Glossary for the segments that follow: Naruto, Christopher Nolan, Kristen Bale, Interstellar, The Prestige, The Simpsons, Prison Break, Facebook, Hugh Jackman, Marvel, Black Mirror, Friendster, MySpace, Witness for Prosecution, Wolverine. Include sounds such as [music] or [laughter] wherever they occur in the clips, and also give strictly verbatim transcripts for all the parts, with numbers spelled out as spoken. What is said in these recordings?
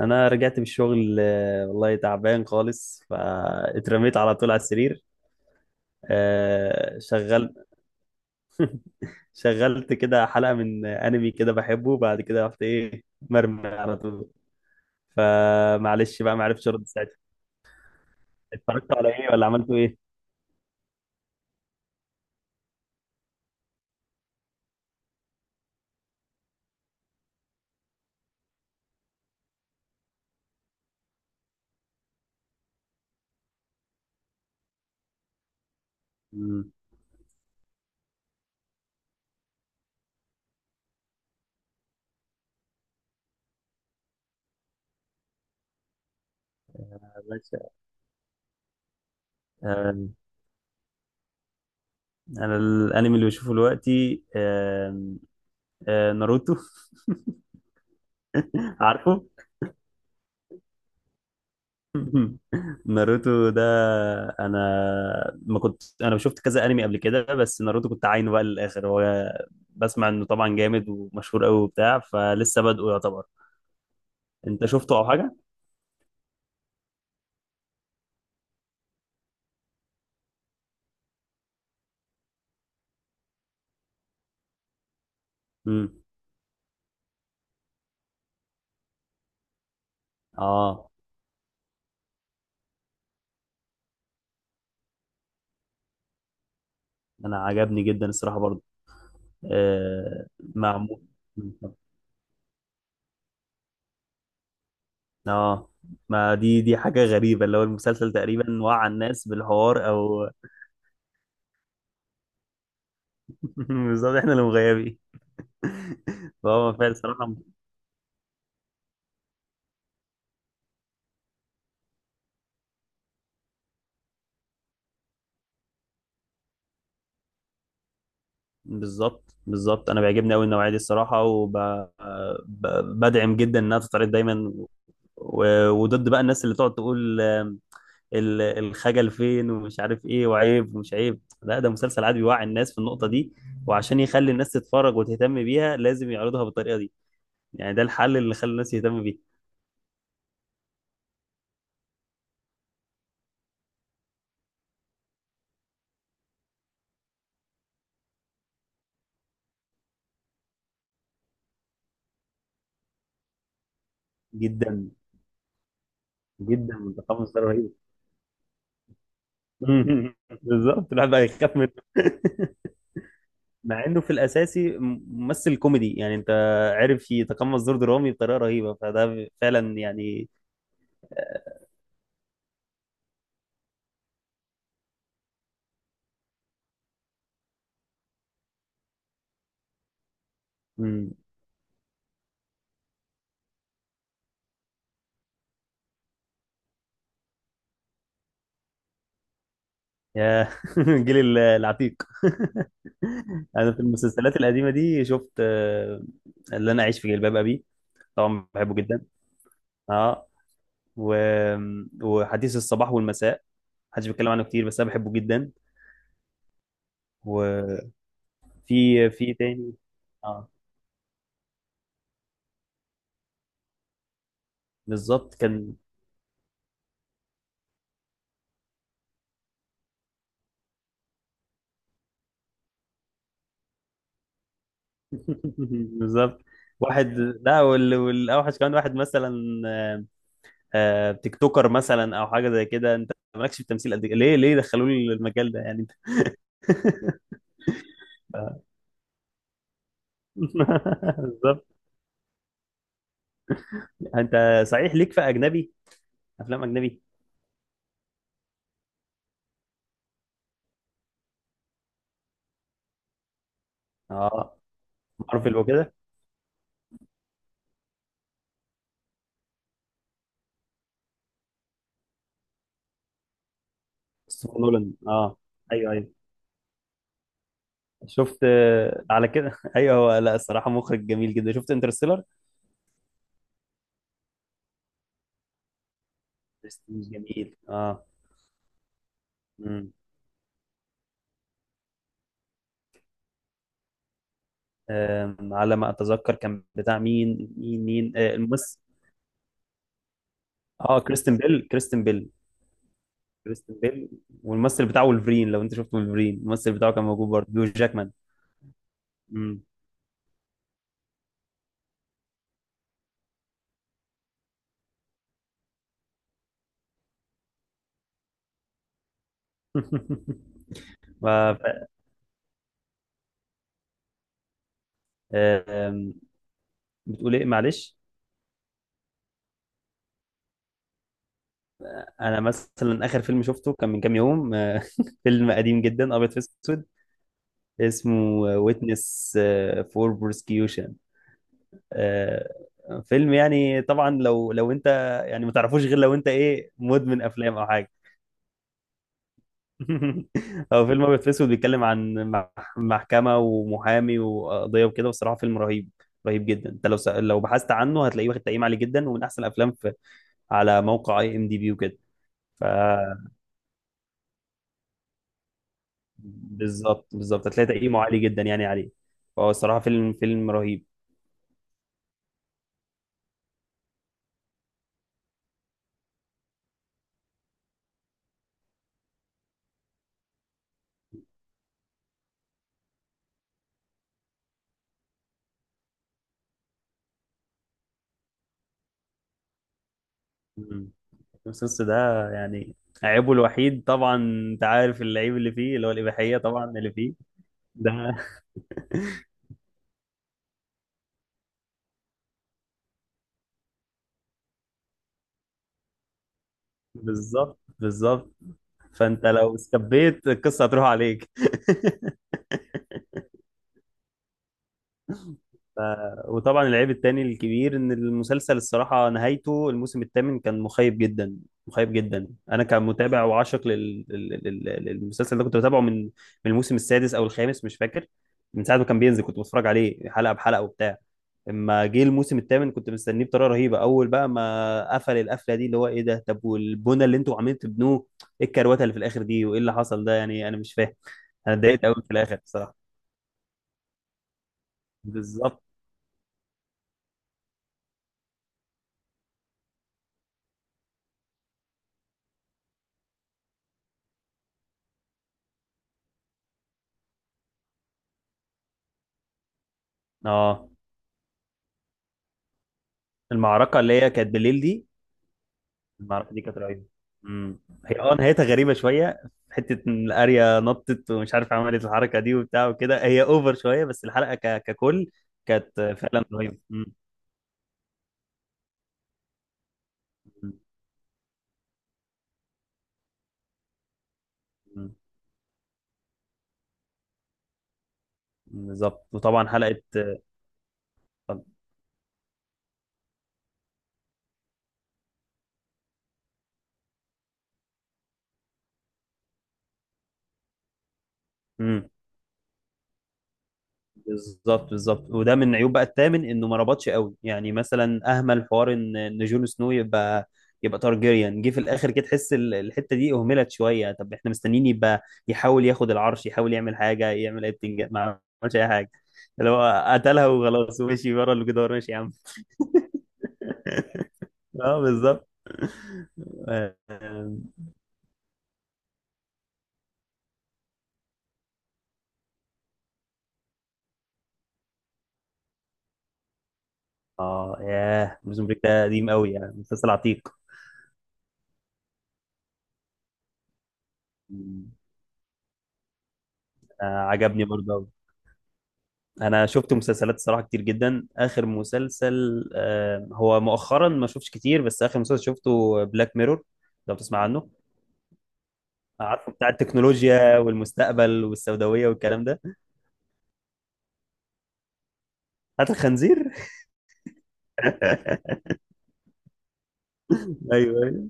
انا رجعت من الشغل، آه، والله تعبان خالص، فاترميت على طول على السرير. آه، شغل شغلت كده حلقة من انمي كده بحبه. بعد كده رحت ايه، مرمي على طول. فمعلش بقى، ما عرفتش ارد ساعتها. اتفرجت على ايه؟ ولا عملتوا ايه؟ مم، يا باشا. آه، انا الانمي اللي بشوفه دلوقتي، آه، آه، ناروتو. [laughs] عارفه. [laughs] ناروتو ده، انا ما كنت انا شفت كذا انمي قبل كده، بس ناروتو كنت عاينه بقى للاخر. هو بسمع انه طبعا جامد ومشهور قوي وبتاع، فلسه بادئه يعتبر. انت شفته او حاجه؟ امم. اه، انا عجبني جدا الصراحه برضه. آه، معمول. اه، ما دي دي حاجه غريبه، اللي هو المسلسل تقريبا وعى الناس بالحوار او... [laughs] بالظبط، احنا اللي مغيبين. [laughs] فهو فعلا صراحه. بالظبط بالظبط، انا بيعجبني قوي النوعيه دي الصراحه، وبدعم جدا انها تتعرض دايما. و- وضد بقى الناس اللي تقعد تقول آم، ال- الخجل فين ومش عارف ايه، وعيب ومش عيب. لا، ده مسلسل عادي بيوعي الناس في النقطه دي، وعشان يخلي الناس تتفرج وتهتم بيها لازم يعرضها بالطريقه دي. يعني ده الحل اللي خلى الناس تهتم بيه. جدا جدا، التقمص ده رهيب. [laughs] بالظبط، الواحد بقى يخاف منه. مع انه في الاساسي م- ممثل كوميدي، يعني انت عارف يتقمص دور درامي بطريقه رهيبه، فده فعلا يعني. آه، مم. يا، [laughs] الجيل ال- العتيق. [laughs] انا في المسلسلات القديمه دي شفت آه، اللي انا عايش في جلباب ابي. طبعا بحبه جدا. اه. و... وحديث الصباح والمساء، محدش بيتكلم عنه كتير بس انا بحبه جدا. وفي في تاني. اه، بالظبط كان. [laughs] بالظبط، واحد. لا وال... والاوحش كمان واحد مثلا، آه، آه، تيك توكر مثلا او حاجه زي كده. انت مالكش في التمثيل قد كده، ليه ليه دخلوا لي المجال ده يعني؟ [laughs] بالظبط. انت صحيح ليك في اجنبي افلام اجنبي؟ اه، مارفل وكده. كريستوفر نولان، اه، ايوه ايوه. شفت آه، على كده، [laughs] ايوه، هو لا الصراحه مخرج جميل جدا. شفت انترستيلر. برستيج جميل، اه. مم. آم، على ما اتذكر كان بتاع مين مين مين آه، الممثل. اه، كريستن بيل، كريستن بيل، كريستن بيل. والممثل بتاعه ولفرين، لو انت شفت ولفرين، الممثل بتاعه كان موجود برضه، بيو جاكمان. مم. [laughs] ف... ف- آم، بتقول ايه؟ معلش. انا مثلا اخر فيلم شفته كان من كام يوم، آه، [laughs] فيلم قديم جدا ابيض في اسود اسمه ويتنس فور بروسكيوشن. فيلم يعني طبعا، لو لو انت يعني ما تعرفوش غير لو انت ايه، مدمن افلام او حاجه. [laughs] هو فيلم ابيض في اسود بيتكلم عن مح- محكمه ومحامي وقضيه وكده، والصراحه فيلم رهيب. رهيب جدا. انت لو س... لو بحثت عنه هتلاقيه واخد تقييم عالي جدا، ومن احسن الافلام في... على موقع اي ام دي بي وكده. ف بالظبط بالظبط، هتلاقي تقييمه عالي جدا يعني عليه. فهو الصراحه فيلم فيلم رهيب. مم. السوس ده، يعني عيبه الوحيد طبعا. انت عارف العيب اللي فيه، اللي هو الاباحيه طبعا اللي فيه ده. [laughs] بالظبط بالظبط، فانت لو استبيت القصه هتروح عليك. [laughs] ف- وطبعا العيب التاني الكبير، ان المسلسل الصراحه نهايته الموسم الثامن كان مخيب جدا. مخيب جدا. انا كمتابع وعاشق لل- لل- لل- للمسلسل ده، كنت بتابعه من من الموسم السادس او الخامس، مش فاكر. من ساعه ما كان بينزل كنت بتفرج عليه حلقه بحلقه وبتاع. اما جه الموسم الثامن، كنت مستنيه بطريقه رهيبه. اول بقى ما قفل القفله دي اللي هو ايه ده، طب والبنى اللي انتوا عاملين تبنوه، ايه الكروته اللي في الاخر دي، وايه اللي حصل ده يعني، انا مش فاهم. انا اتضايقت قوي في الاخر بصراحه. بالظبط. اه، المعركة اللي هي كانت بالليل دي، المعركة دي كانت رهيبة. امم. هي اه نهايتها غريبة شوية. حتة ان الاريا نطت ومش عارف عملت الحركة دي وبتاع وكده، هي اوفر شوية، بس الحلقة ك... ككل كانت فعلا رهيبة. امم، امم، امم. بالظبط. وطبعا حلقة. امم. بالظبط بالظبط، وده من عيوب بقى الثامن انه ما ربطش قوي. يعني مثلا اهمل حوار ان ان جون سنو يبقى يبقى تارجيريان، جه في الاخر كده تحس ال- الحته دي اهملت شويه. طب احنا مستنيين يبقى يحاول ياخد العرش، يحاول يعمل حاجه، يعمل اي بتنج، ما عملش اي حاجه، اللي هو قتلها وخلاص ومشي ورا الجدار، ماشي يا عم. اه، بالظبط. [laughs] اه ياه، بريزون بريك ده قديم قوي، يعني مسلسل عتيق. آه، عجبني برضه. انا شفت مسلسلات الصراحه كتير جدا. اخر مسلسل، آه، هو مؤخرا ما شفتش كتير، بس اخر مسلسل شفته بلاك ميرور، لو بتسمع عنه. عارفه، بتاع التكنولوجيا والمستقبل والسوداويه والكلام ده. هات الخنزير. [laughs] ايوه، ايوه.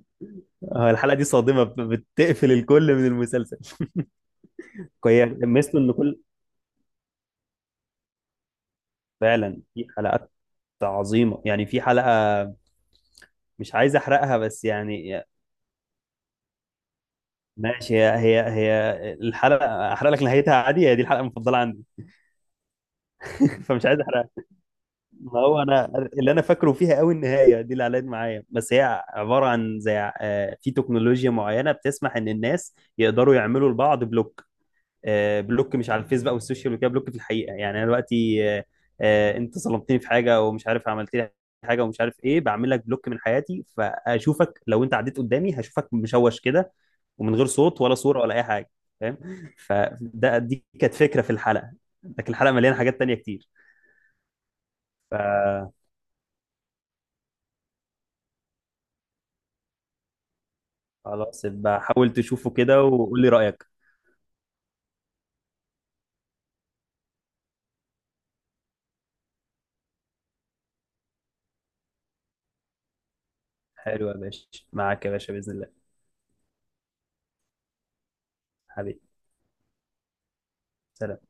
آه، الحلقه دي صادمه، بت- بتقفل الكل من المسلسل. هي ميزته ان كل فعلا في حلقات عظيمه، يعني في حلقه مش عايز احرقها بس يعني. ماشي، هي هي هي الحلقه احرق لك نهايتها عادي، هي دي الحلقه المفضله عندي. [laughs] فمش عايز احرقها. ما هو انا اللي انا فاكره فيها قوي النهايه دي اللي علقت معايا. بس هي عباره عن زي، آه، في تكنولوجيا معينه بتسمح ان الناس يقدروا يعملوا لبعض بلوك. آه، بلوك مش على الفيسبوك او السوشيال ميديا، بلوك في الحقيقه، يعني انا دلوقتي آه، آه، انت ظلمتني في حاجه او مش عارف عملت لي حاجه ومش عارف ايه، بعمل لك بلوك من حياتي، فاشوفك لو انت عديت قدامي هشوفك مشوش كده، ومن غير صوت ولا صوره ولا اي حاجه. فاهم. فده دي كانت فكره في الحلقه، لكن الحلقه مليانه حاجات تانيه كتير. ف خلاص، يبقى حاول تشوفه كده وقول لي رأيك. حلو يا باشا، معاك يا باشا، بإذن الله. حبيبي، سلام.